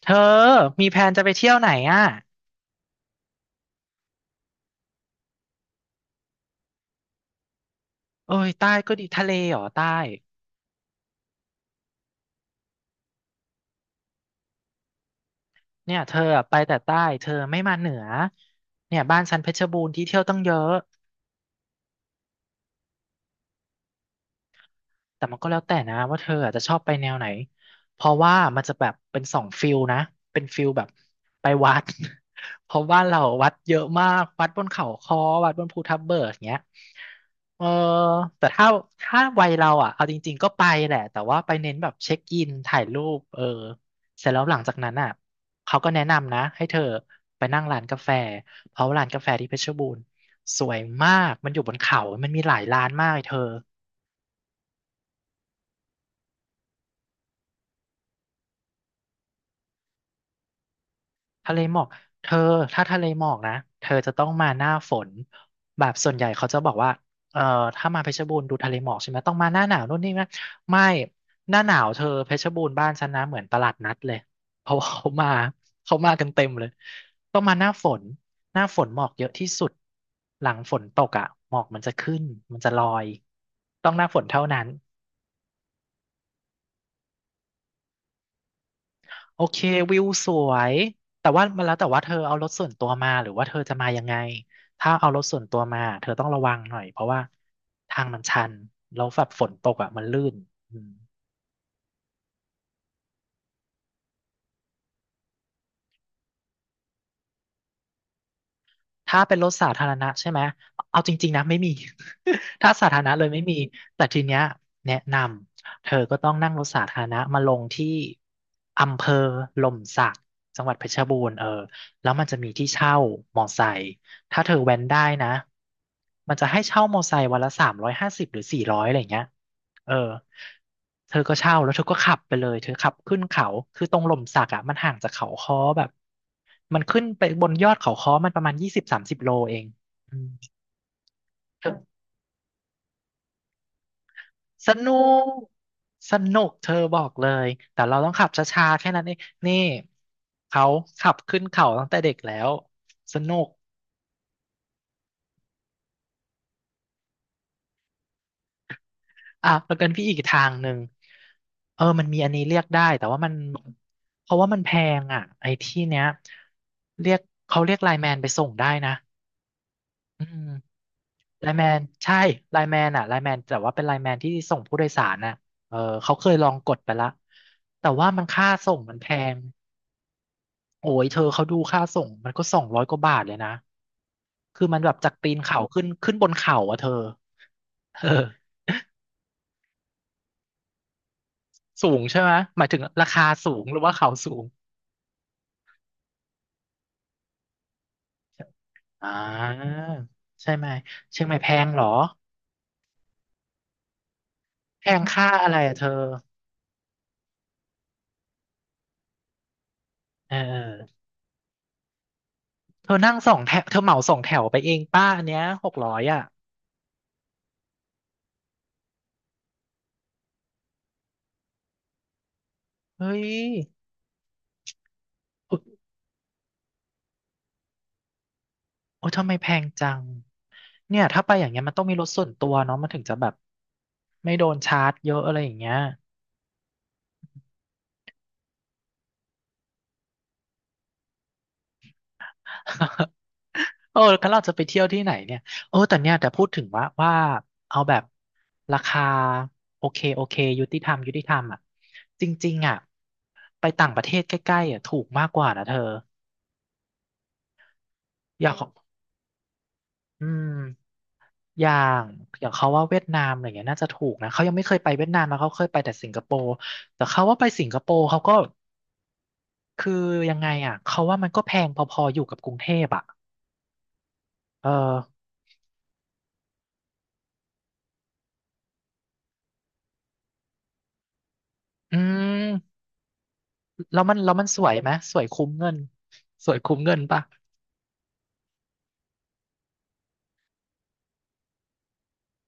เธอมีแผนจะไปเที่ยวไหนอ่ะโอ้ยใต้ก็ดีทะเลเหรอใต้ เนี่ยเธออะไปแต่ใต้เธอไม่มาเหนือ เนี่ยบ้านฉันเพชรบูรณ์ที่เที่ยวตั้งเยอะ แต่มันก็แล้วแต่นะว่าเธออาจจะชอบไปแนวไหน เพราะว่ามันจะแบบเป็นสองฟิลนะเป็นฟิลแบบไปวัด เพราะว่านเราวัดเยอะมากวัดบนเขาค้อวัดบนภูทับเบิกอย่างเงี้ยเออแต่ถ้าวัยเราอ่ะเอาจริงๆก็ไปแหละแต่ว่าไปเน้นแบบเช็คอินถ่ายรูปเออเสร็จแล้วหลังจากนั้นอ่ะเขาก็แนะนำนะให้เธอไปนั่งร้านกาแฟเพราะว่าร้านกาแฟที่เพชรบูรณ์สวยมากมันอยู่บนเขามันมีหลายร้านมากเลยเธอ ทะเลหมอกเธอถ้าทะเลหมอกนะเธอจะต้องมาหน้าฝนแบบส่วนใหญ่เขาจะบอกว่าเอ่อถ้ามาเพชรบูรณ์ดูทะเลหมอกใช่ไหมต้องมาหน้าหนาวนู่นนี่นะไม่หน้าหนาวเธอเพชรบูรณ์บ้านฉันนะเหมือนตลาดนัดเลยเพราะว่าเขามากันเต็มเลยต้องมาหน้าฝนหน้าฝนหมอกเยอะที่สุดหลังฝนตกอ่ะหมอกมันจะขึ้นมันจะลอยต้องหน้าฝนเท่านั้น โอเควิวสวยแต่ว่ามันแล้วแต่ว่าเธอเอารถส่วนตัวมาหรือว่าเธอจะมายังไงถ้าเอารถส่วนตัวมาเธอต้องระวังหน่อยเพราะว่าทางมันชันแล้วแบบฝนตกอ่ะมันลื่นอืมถ้าเป็นรถสาธารณะใช่ไหมเอาจริงๆนะไม่มี ถ้าสาธารณะเลยไม่มีแต่ทีเนี้ยแนะนำเธอก็ต้องนั่งรถสาธารณะมาลงที่อำเภอหล่มสักจังหวัดเพชรบูรณ์เออแล้วมันจะมีที่เช่ามอไซค์ ถ้าเธอแว้นได้นะ มันจะให้เช่ามอไซค์วันละ350หรือ400อะไรอย่างเงี้ยเออเธอก็เช่าแล้วเธอก็ขับไปเลย เธอขับขึ้นเขา คือตรงหล่มสักอ่ะมันห่างจากเขาค้อแบบมันขึ้นไปบนยอดเขาค้อมันประมาณ20-30โลเองอืมเธอสนุกสนุก เธอบอกเลย แต่เราต้องขับช้าๆแค่นั้นเองนี่เขาขับขึ้นเขาตั้งแต่เด็กแล้ว สนุก อ่ะแล้วกันพี่อีกทางหนึ่งเออมันมีอันนี้เรียกได้แต่ว่ามันเพราะว่ามันแพงอ่ะไอ้ที่เนี้ยเรียกเขาเรียกไลน์แมนไปส่งได้นะอืมไลน์แมนใช่ไลน์แมนแต่ว่าเป็นไลน์แมนที่ส่งผู้โดยสารน่ะเออเขาเคยลองกดไปละแต่ว่ามันค่าส่งมันแพงโอ้ยเธอเขาดูค่าส่งมันก็200กว่าบาทเลยนะคือมันแบบจากตีนเขาขึ้นบนเขาอ่ะเธอเออสูงใช่ไหมหมายถึงราคาสูงหรือว่าเขาสูง อ่าใช่ไหมเชียงใหม่แพงเหรอแพงค่าอะไรอะเธอเออเออเธอนั่งสองแถวเธอเหมาสองแถวไปเองป้าอันเนี้ย600อ่ะเฮ้ยโอ๊ยโอ้ทำไมแพงจังเนี่ยถ้าไปอย่างเงี้ยมันต้องมีรถส่วนตัวเนาะมันถึงจะแบบไม่โดนชาร์จเยอะอะไรอย่างเงี้ย เออแล้วเราจะไปเที่ยวที่ไหนเนี่ย เออแต่เนี่ยแต่พูดถึงว่าเอาแบบราคาโอเคโอเคยุติธรรมอ่ะจริงๆอ่ะไปต่างประเทศใกล้ๆอ่ะถูกมากกว่านะเธออย่างของอืมอย่างอย่างเขาว่าเวียดนามอะไรเงี้ยน่าจะถูกนะเขายังไม่เคยไปเวียดนามนะเขาเคยไปแต่สิงคโปร์แต่เขาว่าไปสิงคโปร์เขาก็คือยังไงอ่ะเขาว่ามันก็แพงพอๆอยู่กับกรุงเทพอ่ะเอออืม แล้วมันสวยไหมสวยคุ้มเงินสวยคุ้มเงินปะ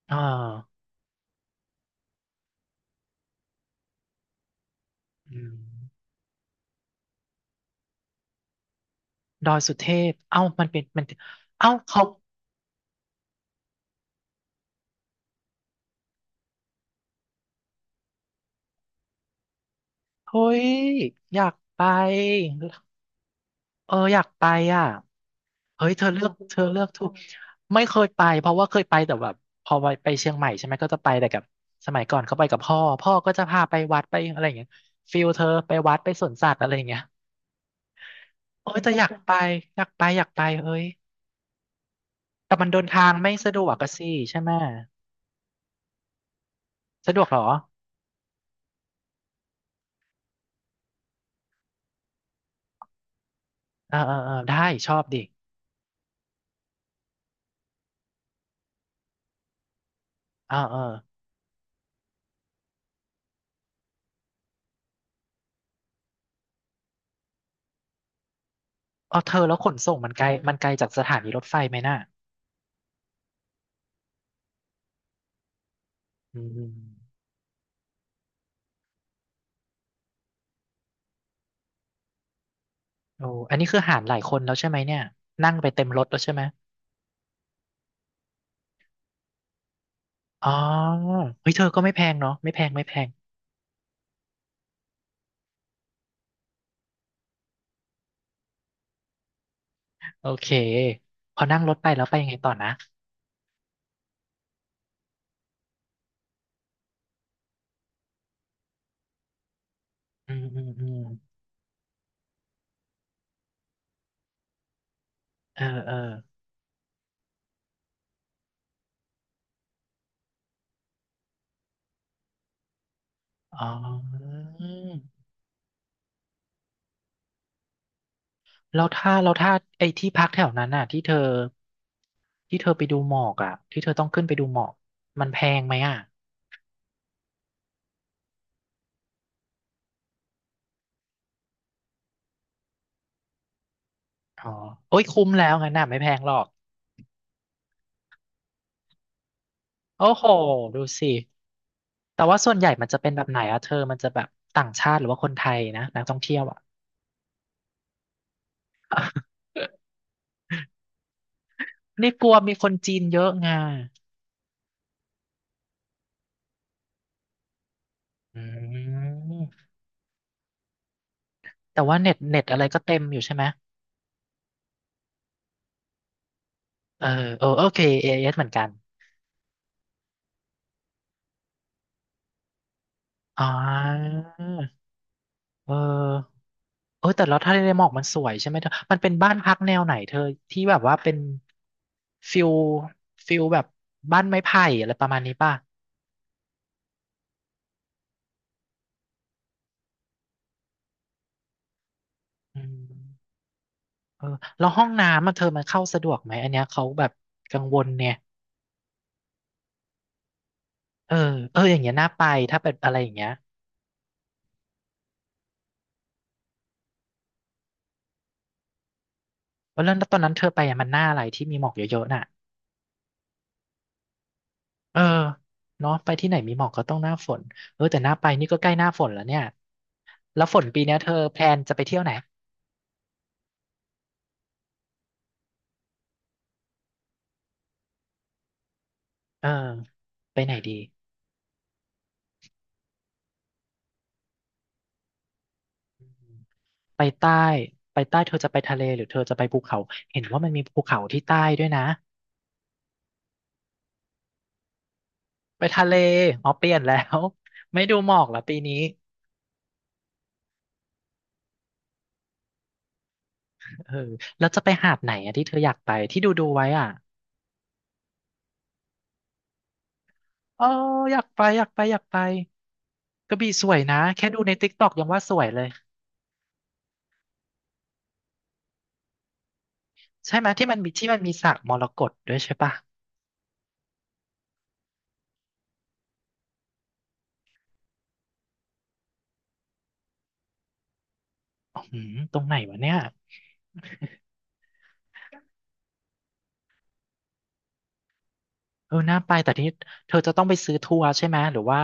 อ่าอืมดอยสุเทพเอ้ามันเป็นมันเอ้าเขาเฮ้ยอยากไปเอออยากไปอ่ะเฮ้ยเธอเลือกถูกไม่เคยไปเพราะว่าเคยไปแต่แบบพอไปเชียงใหม่ใช่ไหมก็จะไปแต่กับสมัยก่อนเขาไปกับพ่อพ่อก็จะพาไปวัดไปอะไรอย่างเงี้ยฟิลเธอไปวัดไปสวนสัตว์อะไรอย่างเงี้ยโอ้ยแต่อยากไปอยากไปอยากไปเฮ้ยแต่มันเดินทางไม่สะดวกอะสิใช่ไหม สะดวกเหรอเออเออเออได้ ชอบดิเออเออเอาเธอแล้วขนส่งมันไกลจากสถานีรถไฟไหมน่ะอืมโอ้อันนี้คือหารหลายคนแล้วใช่ไหมเนี่ยนั่งไปเต็มรถแล้วใช่ไหมอ๋อเฮ้ยเธอก็ไม่แพงเนาะไม่แพงไม่แพงโอเคพอนั่งรถไปแล้วไปยังไงต่อนะอืมอืมอืมเออเอออ๋อแล้วถ้าไอ้ที่พักแถวนั้นน่ะที่เธอที่เธอไปดูหมอกอ่ะที่เธอต้องขึ้นไปดูหมอกมันแพงไหมอ่ะ อ๋อโอ้ยคุ้มแล้วงั้นน่ะไม่แพงหรอก โอ้โหดูสิ แต่ว่าส่วนใหญ่มันจะเป็นแบบไหนอะเธอ มันจะแบบต่างชาติหรือว่าคนไทยนะนักท่องเที่ยวอะนี่กลัวมีคนจีนเยอะไงอืม แต่ว่าเน็ตอะไรก็เต็มอยู่ใช่ไหม เออเออโอเคเอเอสเหมือนกันอ๋อเออเออแต่แล้วทะเลหมอกมันสวยใช่ไหมเธอ มันเป็นบ้านพักแนวไหนเธอที่แบบว่าเป็นฟิลฟิลแบบบ้านไม้ไผ่อะไรประมาณนี้ป่ะอืม เออแล้วห้องน้ำมันเธอมันเข้าสะดวกไหมอันเนี้ยเขาแบบกังวลเนี่ยเออเอออย่างเงี้ยน่าไปถ้าเป็นอะไรอย่างเงี้ยเพราะเรื่องตอนนั้นเธอไปอะมันหน้าอะไรที่มีหมอกเยอะๆน่ะเออเนาะไปที่ไหนมีหมอกก็ต้องหน้าฝนเออแต่หน้าไปนี่ก็ใกล้หน้าฝนแล้วเนี่ยแล้วฝนปีเนี้ยเธอแพลนจะไปเที่ยวไหนเออไปไหนดีไปใต้ไปใต้เธอจะไปทะเลหรือเธอจะไปภูเขาเห็นว่ามันมีภูเขาที่ใต้ด้วยนะไปทะเลอ๋อเปลี่ยนแล้ว ไม่ดูหมอกเหรอปีนี้ เออแล้วจะไปหาดไหนอะที่เธออยากไปที่ดูดูไว้อ่ะเอ๋ออยากไปอยากไปอยากไปกระบี่สวยนะแค่ดูในติ๊กต็อกยังว่าสวยเลยใช่ไหมที่มันมีสระมรกตด้วยใช่ปะอือหือตรงไหนวะเนี่ยเออน่าไปแต่ที่เธอจะต้องไปซื้อทัวร์ใช่ไหมหรือว่า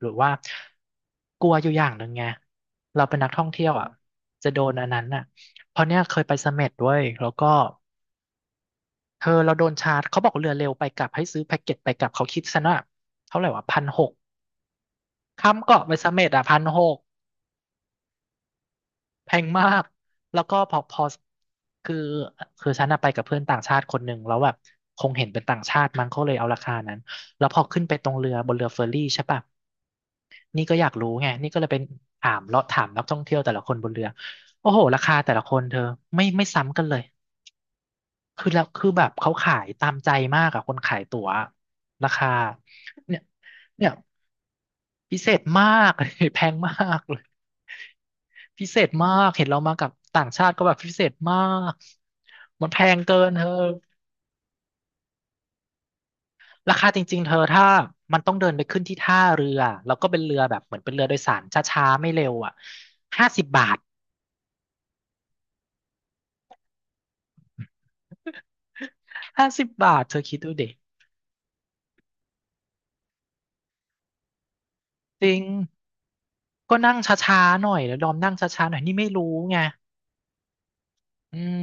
หรือว่ากลัวอยู่อย่างหนึ่งไงเราเป็นนักท่องเที่ยวอ่ะจะโดนอันนั้นอ่ะเพราะเนี่ยเคยไปเสม็ดด้วยแล้วก็เธอเราโดนชาร์จเขาบอกเรือเร็วไปกลับให้ซื้อแพ็กเกจไปกลับเขาคิดซะว่าเท่าไหร่วะพันหก ข้ามเกาะไปเสม็ดอ่ะพันหกแพงมากแล้วก็พอคือคือฉันอะไปกับเพื่อนต่างชาติคนหนึ่งแล้วแบบคงเห็นเป็นต่างชาติมั้งเขาเลยเอาราคานั้นแล้วพอขึ้นไปตรงเรือบนเรือเฟอร์รี่ใช่ปะนี่ก็อยากรู้ไงนี่ก็เลยเป็นถามเลาะถามนักท่องเที่ยวแต่ละคนบนเรือโอ้โหราคาแต่ละคนเธอไม่ซ้ำกันเลยคือแล้วคือแบบเขาขายตามใจมากอะคนขายตั๋วราคาเนี่ยเนี่ยพิเศษมาก แพงมากเลย พิเศษมากเห็นเรามากับต่างชาติก็แบบพิเศษมากมันแพงเกินเธอราคาจริงๆเธอถ้ามันต้องเดินไปขึ้นที่ท่าเรือแล้วก็เป็นเรือแบบเหมือนเป็นเรือโดยสารช้าๆไม่เร็วอ่ะห้าสิบบาทห้าสิบบาทเธอคิดดูดิจริงก็นั่งช้าๆหน่อยแล้วดอมนั่งช้าๆหน่อยนี่ไม่รู้ไงอืม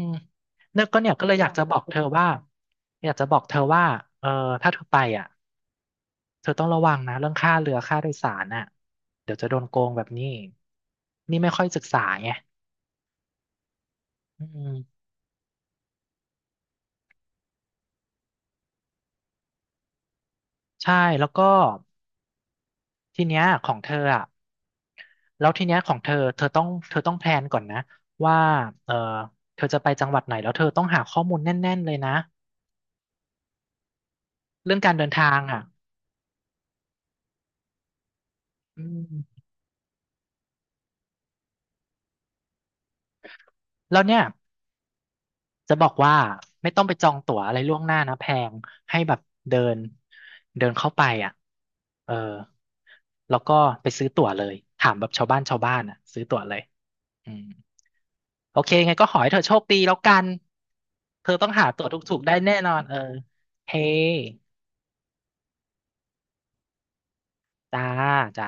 เนี่ยก็เลยอยากจะบอกเธอว่าอยากจะบอกเธอว่าเออถ้าเธอไปอ่ะ เธอต้องระวังนะเรื่องค่าเรือค่าโดยสารน่ะเดี๋ยวจะโดนโกงแบบนี้นี่ไม่ค่อยศึกษาไงอืมใช่แล้วก็ทีเนี้ยของเธออ่ะแล้วทีเนี้ยของเธอเธอต้องแพลนก่อนนะว่าเออเธอจะไปจังหวัดไหนแล้วเธอต้องหาข้อมูลแน่นๆเลยนะเรื่องการเดินทางอ่ะอืมแล้วเนี่ย จะบอกว่าไม่ต้องไปจองตั๋วอะไรล่วงหน้านะแพงให้แบบเดินเดินเข้าไปอ่ะเออแล้วก็ไปซื้อตั๋วเลยถามแบบชาวบ้านอ่ะซื้อตั๋วเลยอืมโอเคไงก็ขอให้เธอโชคดีแล้วกันเธอต้องหาตั๋วถูกๆได้แน่นอนเออเฮ้จ้าจ้า